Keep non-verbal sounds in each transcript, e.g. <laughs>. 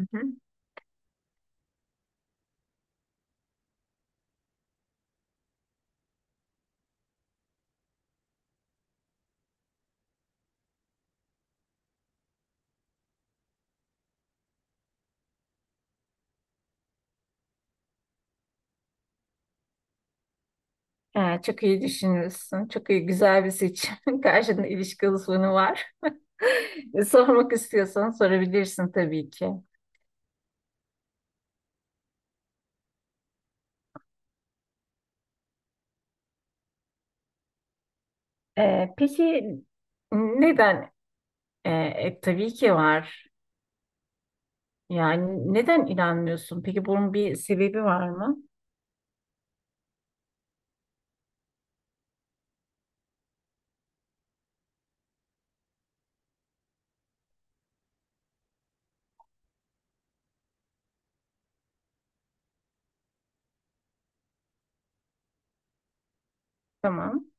Hı hı. Ha, çok iyi düşünmüşsün. Çok iyi, güzel bir seçim. <laughs> Karşında ilişki uzmanı var. <laughs> Sormak istiyorsan sorabilirsin tabii ki. Peki neden? Tabii ki var. Yani neden inanmıyorsun? Peki bunun bir sebebi var mı? Tamam.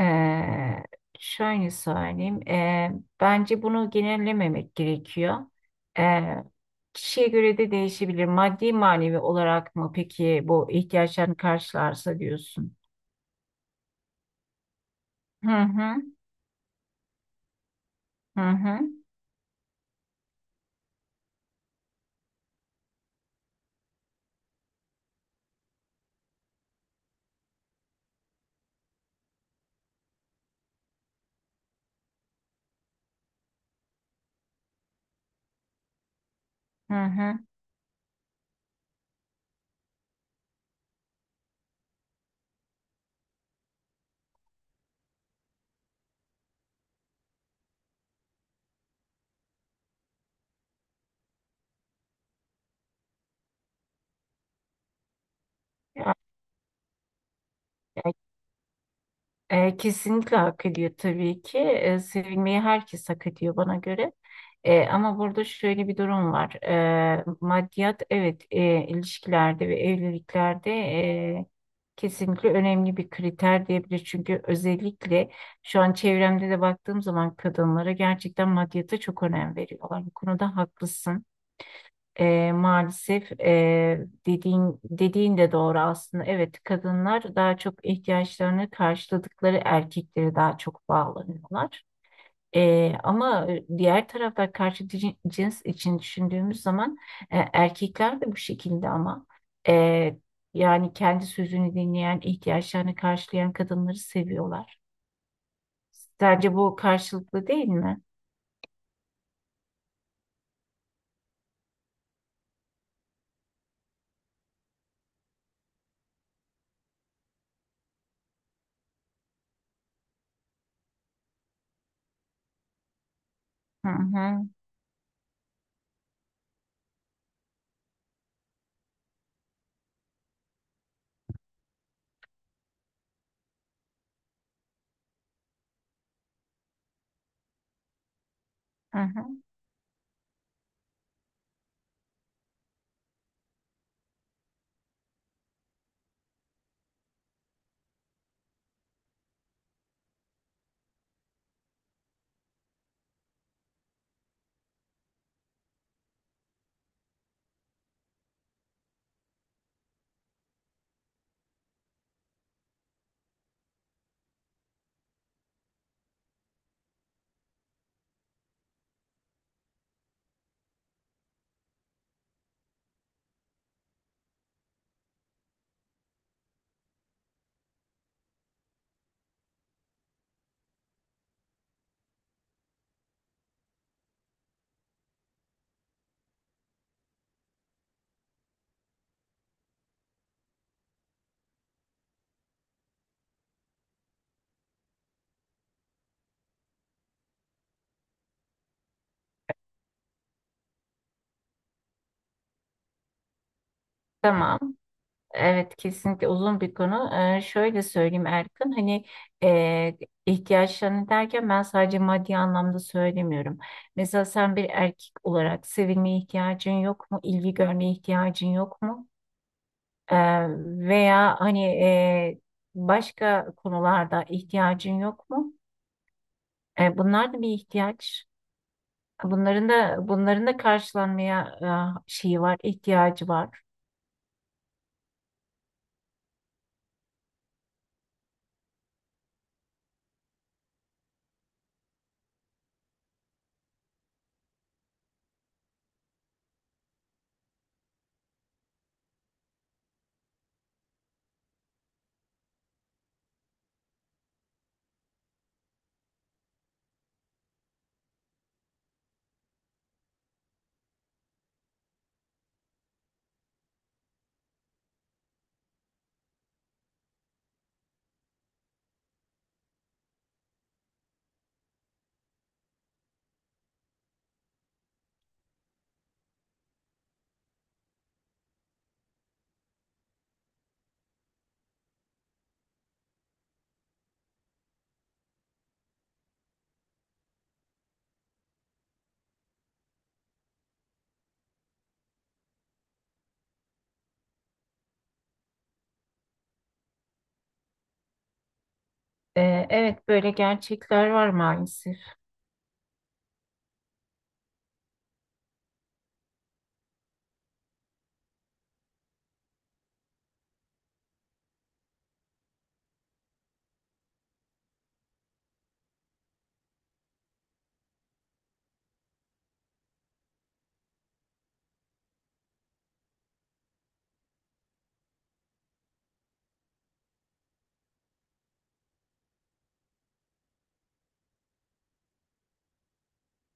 Ee, Şöyle söyleyeyim. Bence bunu genellememek gerekiyor. Ee, Kişiye göre de değişebilir. Maddi manevi olarak mı peki bu ihtiyaçlarını karşılarsa diyorsun? Hı hı, hı hı, hı hı. Ya, ya kesinlikle hak ediyor tabii ki. Sevilmeyi herkes hak ediyor bana göre. Ama burada şöyle bir durum var. Maddiyat evet ilişkilerde ve evliliklerde kesinlikle önemli bir kriter diyebilir. Çünkü özellikle şu an çevremde de baktığım zaman kadınlara gerçekten maddiyata çok önem veriyorlar. Bu konuda haklısın. Maalesef dediğin de doğru aslında. Evet, kadınlar daha çok ihtiyaçlarını karşıladıkları erkeklere daha çok bağlanıyorlar. Ama diğer tarafta karşı cins için düşündüğümüz zaman erkekler de bu şekilde ama e, yani kendi sözünü dinleyen, ihtiyaçlarını karşılayan kadınları seviyorlar. Sence bu karşılıklı değil mi? Hı hı, hı hı. Tamam. Evet kesinlikle uzun bir konu. Şöyle söyleyeyim Erkan, hani e, ihtiyaçlarını derken ben sadece maddi anlamda söylemiyorum. Mesela sen bir erkek olarak sevilmeye ihtiyacın yok mu? İlgi görmeye ihtiyacın yok mu? Ee, Veya hani başka konularda ihtiyacın yok mu? Bunlar da bir ihtiyaç. Bunların da karşılanmaya şeyi var, ihtiyacı var. Evet böyle gerçekler var maalesef.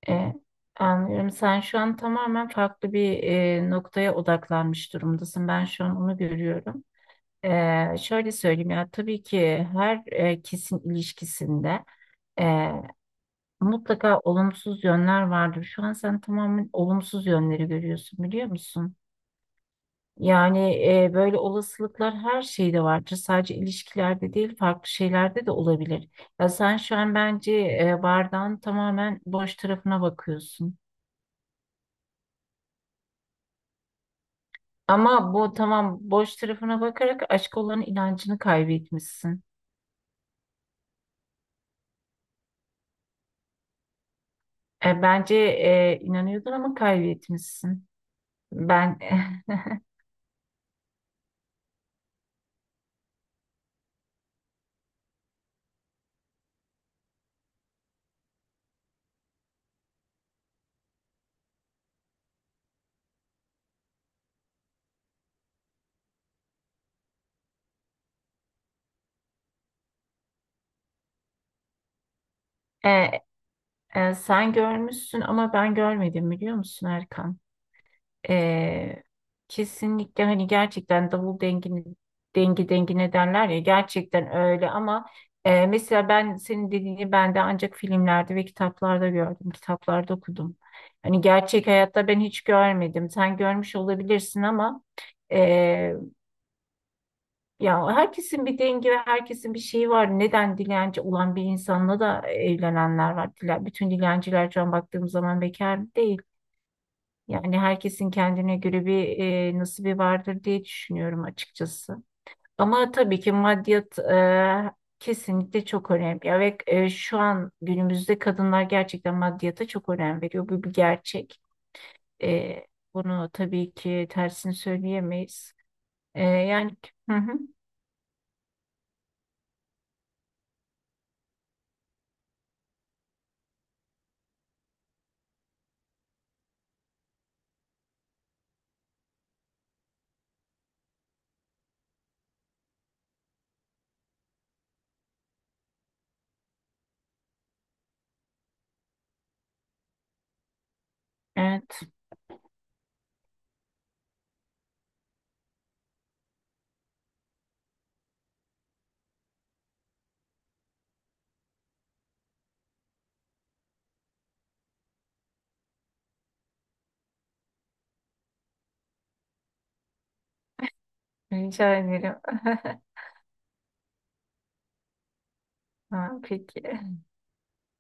E, Anlıyorum. Sen şu an tamamen farklı bir noktaya odaklanmış durumdasın. Ben şu an onu görüyorum. Şöyle söyleyeyim, ya tabii ki her kesin ilişkisinde e, mutlaka olumsuz yönler vardır. Şu an sen tamamen olumsuz yönleri görüyorsun biliyor musun? Yani böyle olasılıklar her şeyde vardır. Sadece ilişkilerde değil farklı şeylerde de olabilir. Ya sen şu an bence bardağın tamamen boş tarafına bakıyorsun. Ama bu tamam boş tarafına bakarak aşk olan inancını kaybetmişsin. Bence inanıyordun ama kaybetmişsin. Ben <laughs> e, sen görmüşsün ama ben görmedim biliyor musun Erkan? Ee, Kesinlikle hani gerçekten davul dengini dengi dengine derler ya, gerçekten öyle ama mesela ben senin dediğini ben de ancak filmlerde ve kitaplarda gördüm, kitaplarda okudum. Hani gerçek hayatta ben hiç görmedim. Sen görmüş olabilirsin ama e, ya herkesin bir dengi ve herkesin bir şeyi var. Neden dilenci olan bir insanla da evlenenler var. Bütün dilenciler şu an baktığım zaman bekar değil. Yani herkesin kendine göre bir nasibi vardır diye düşünüyorum açıkçası. Ama tabii ki maddiyat kesinlikle çok önemli. Ve şu an günümüzde kadınlar gerçekten maddiyata çok önem veriyor. Bu bir gerçek. E, Bunu tabii ki tersini söyleyemeyiz. E, yani hı hı, evet, rica ederim. <laughs> Ha, peki.